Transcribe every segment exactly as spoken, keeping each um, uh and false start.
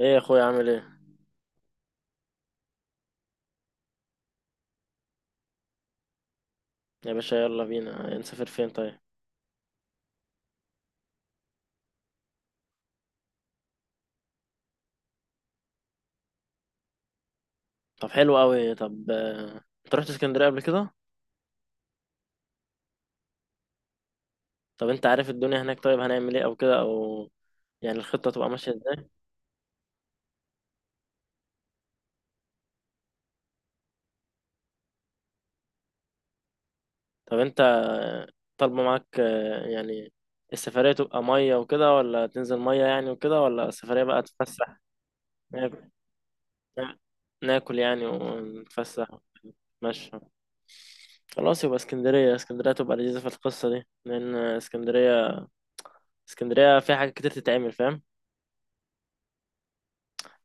ايه يا اخويا عامل ايه؟ يا باشا يلا بينا نسافر فين طيب؟ طب حلو قوي. طب آه، انت رحت اسكندريه قبل كده؟ طب انت عارف الدنيا هناك؟ طيب هنعمل ايه او كده او يعني الخطه تبقى ماشيه ازاي؟ طب انت آه، طالبه معاك آه، يعني السفريه تبقى ميه وكده، ولا تنزل ميه يعني وكده، ولا السفريه بقى تتفسح؟ ناكل. ناكل يعني ونتفسح. نتمشى. خلاص يبقى اسكندريه. اسكندريه تبقى لذيذه في القصه دي، لان اسكندريه، اسكندريه فيها حاجات كتير تتعمل، فاهم؟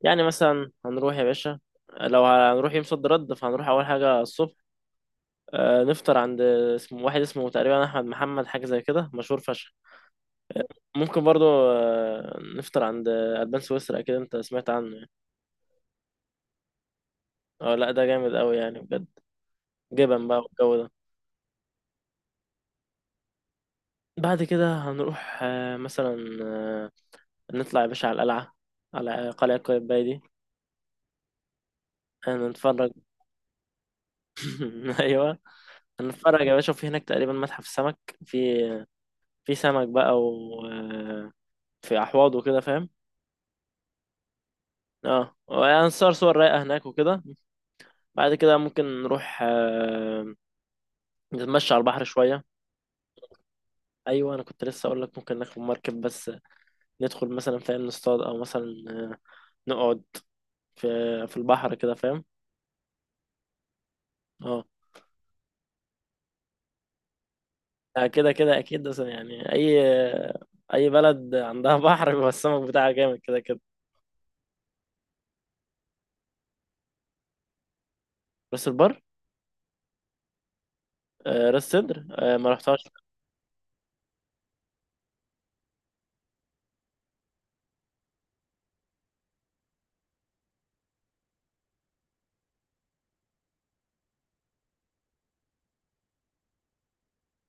يعني مثلا هنروح يا باشا، لو هنروح يوم صد رد فهنروح اول حاجه الصبح. آه، نفطر عند اسمه واحد اسمه تقريبا احمد محمد، حاجه زي كده، مشهور فشخ. ممكن برضو آه، نفطر عند البان سويسرا، اكيد انت سمعت عنه يعني. اه لا، ده جامد قوي يعني بجد، جبن بقى والجو ده. بعد كده هنروح آه، مثلا آه، نطلع يا باشا على القلعه، على قلعه قايتباي دي. نتفرج. ايوه. هنتفرج يا باشا. في هناك تقريبا متحف سمك، في آه، في سمك بقى و آه، في احواض وكده، فاهم؟ اه هنصور صور صور رايقه هناك وكده. بعد كده ممكن نروح آه، نتمشى على البحر شويه. ايوه انا كنت لسه اقول لك، ممكن ناخد مركب، بس ندخل مثلا فاهم، نصطاد او مثلا آه، نقعد في في البحر كده، فاهم؟ اه، آه، كده كده اكيد، بس يعني اي، اي بلد عندها بحر بيبقى السمك بتاعها جامد كده كده. راس البر. آه، راس سدر، آه، ما رحتهاش.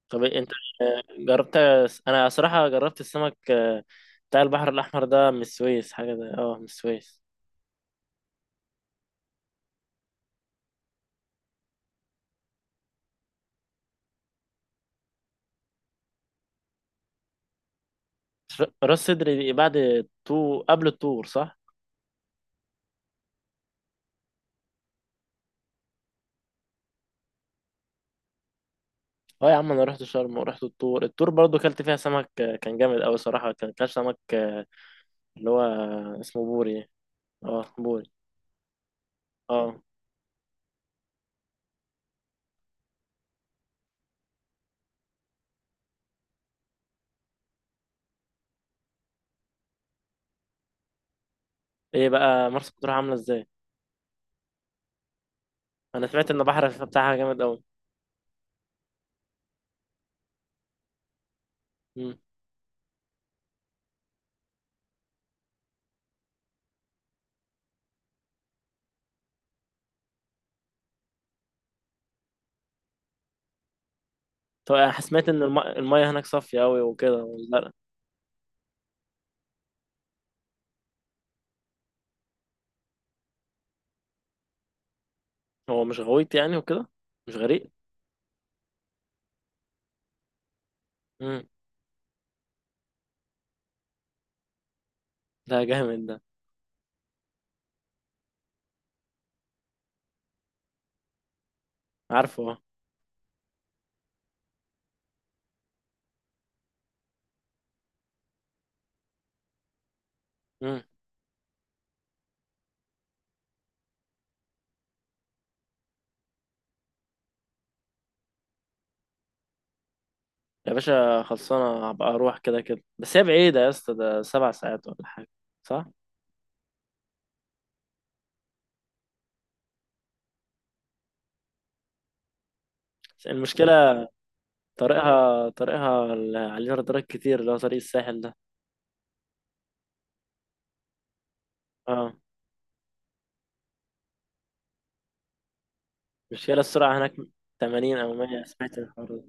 طب انت جربت؟ انا صراحة جربت السمك آه، بتاع البحر الاحمر ده من السويس، حاجة ده اه من السويس. ر- راس صدر دي بعد الطور، قبل الطور، صح؟ اه يا عم انا رحت شرم، ورحت الطور. الطور برضو كلت فيها سمك، آه، كان جامد قوي صراحة، كان كان سمك آه، اللي هو اسمه بوري. اه بوري. اه ايه بقى مرسى مطروح عاملة ازاي؟ انا سمعت ان البحر بتاعها جامد قوي. مم. طب انا سمعت ان الم- المية هناك صافية قوي وكده، لا؟ هو مش غويط يعني وكده؟ مش غريق؟ مم. ده جامد ده. عارفه اه. مم. يا باشا خلصانة، هبقى أروح كده كده. بس هي بعيدة يا اسطى، ده سبع ساعات ولا حاجة؟ صح؟ بس المشكلة طريقها، طريقها اللي عليه رادارات كتير، اللي هو طريق الساحل ده. اه المشكلة السرعة هناك ثمانين أو مية، سمعت الحوار ده؟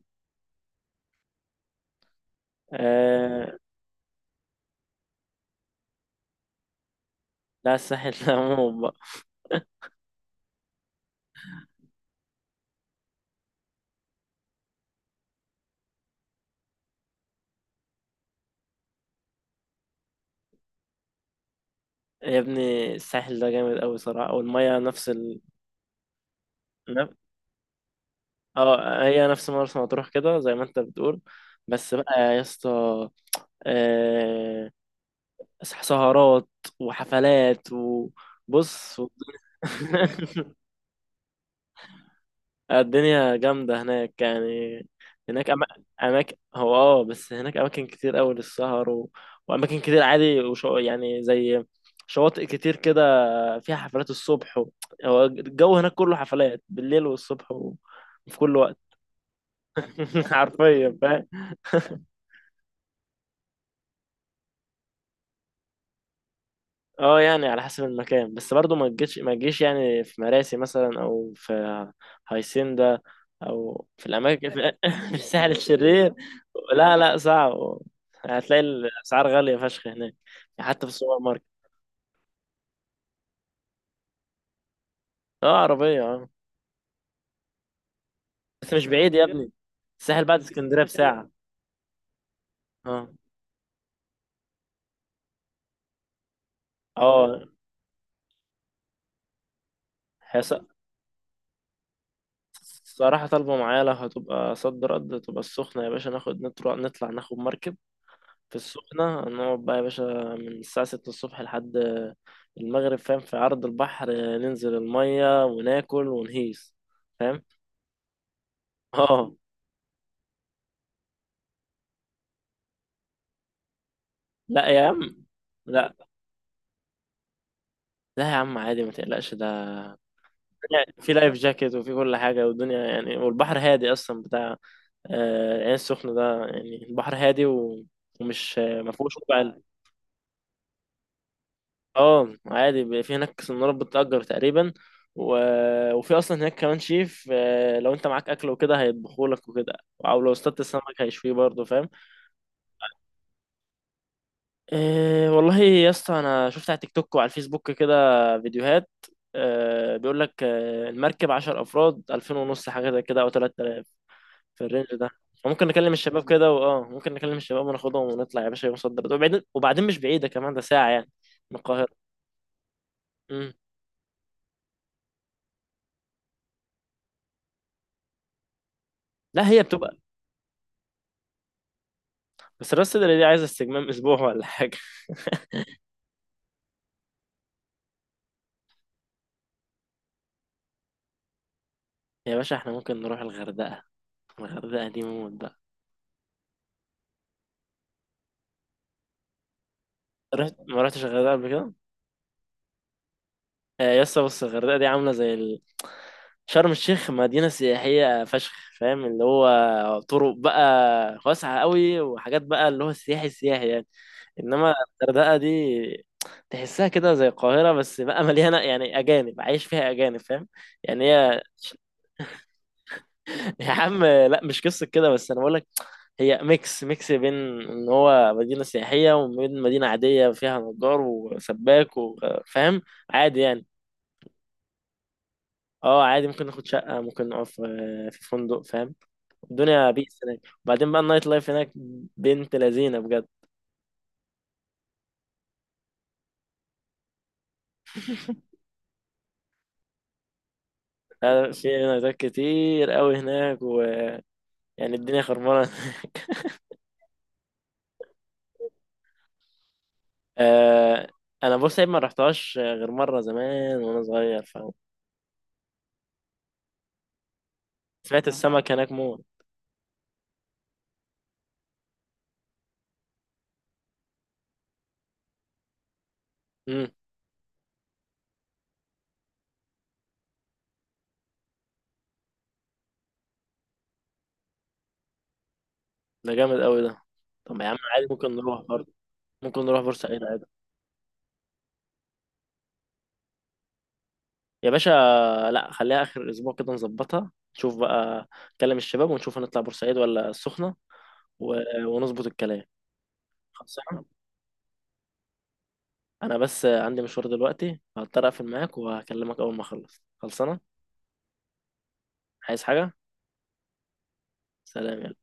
آه لا الساحل ده عموما بقى. يا ابني الساحل ده جامد أوي صراحة، والمية نفس ال نف- اه هي نفس مرسى مطروح كده زي ما انت بتقول. بس بقى يا اسطى آه، سهرات وحفلات وبص و... الدنيا جامدة هناك يعني. هناك أما... أماكن، هو اه بس هناك أماكن كتير أوي للسهر و... وأماكن كتير عادي وشو... يعني زي شواطئ كتير كده فيها حفلات الصبح و... هو الجو هناك كله حفلات بالليل والصبح وفي كل وقت. حرفيا، فاهم. اه يعني على حسب المكان، بس برضو ما تجيش ما تجيش يعني في مراسي مثلا، او في هايسيندا، او في الاماكن في، في الساحل الشرير. لا لا صعب. هتلاقي الاسعار غاليه فشخ هناك، يعني حتى في السوبر ماركت. اه عربيه اه. بس مش بعيد يا ابني، الساحل بعد اسكندريه بساعه. اه اه هي ص- صراحه طالبه معايا لو هتبقى صد رد تبقى السخنه، يا باشا ناخد نطلع نطلع ناخد مركب في السخنة. نقعد بقى يا باشا من الساعة ستة الصبح لحد المغرب، فاهم، في عرض البحر، ننزل المية وناكل ونهيس، فاهم. اه. لا يا عم. لا لا يا عم عادي ما تقلقش ده. يعني في لايف جاكيت وفي كل حاجة والدنيا، يعني والبحر هادي أصلا بتاع آه، العين السخنة ده، يعني البحر هادي و- ومش ما فيهوش وجع. اه عادي، بيبقى في هناك سنارات بتأجر تقريبا و... وفي اصلا هناك كمان شيف، آه، لو انت معاك اكل وكده هيطبخولك وكده، او لو اصطدت السمك هيشويه برضه، فاهم. إيه والله يا اسطى، انا شفت على تيك توك وعلى الفيسبوك كده فيديوهات، آه بيقول لك آه المركب عشرة افراد ألفين ونص، حاجه زي كده او تلت تلاف، في الرينج ده. فممكن نكلم الشباب كده، واه ممكن نكلم الشباب وناخدهم ونطلع يا باشا يوم صد رد، وبعدين وبعدين مش بعيده، كمان ده ساعه يعني من القاهره. امم. لا هي بتبقى، بس راس صدر دي عايزة استجمام أسبوع ولا حاجة. يا باشا احنا ممكن نروح الغردقة، الغردقة دي موت بقى. رحت؟ ما رحتش الغردقة قبل كده؟ آه، يسا بص الغردقة دي عاملة زي ال... شرم الشيخ مدينة سياحية فشخ، فاهم، اللي هو طرق بقى واسعة قوي، وحاجات بقى اللي هو سياحي سياحي يعني. إنما الغردقة دي تحسها كده زي القاهرة، بس بقى مليانة يعني أجانب، عايش فيها أجانب، فاهم. يعني هي يا عم لا مش قصة كده، بس أنا بقول هي ميكس، ميكس بين ان هو مدينة سياحية وبين مدينة عادية فيها نجار وسباك وفاهم عادي يعني. اه عادي، ممكن ناخد شقة، ممكن نقف في في فندق، فاهم. الدنيا بيس هناك، وبعدين بقى النايت لايف هناك بنت لذينة بجد. لا، في نايتات كتير قوي هناك، ويعني الدنيا خربانة هناك. آه، انا بص عيب ما رحتهاش غير مرة زمان وانا صغير، فاهم. سمعت السمك هناك موت. امم. ده جامد قوي ده. طب يا عم عادي ممكن نروح برضه، ممكن نروح بورسعيد عادي. يا باشا لا خليها اخر الاسبوع كده، نظبطها نشوف بقى، نكلم الشباب ونشوف هنطلع بورسعيد ولا السخنه، و... ونظبط الكلام. خلصانه. انا بس عندي مشوار دلوقتي، هضطر اقفل معاك، وهكلمك اول ما اخلص. خلصانه. عايز حاجه؟ سلام يا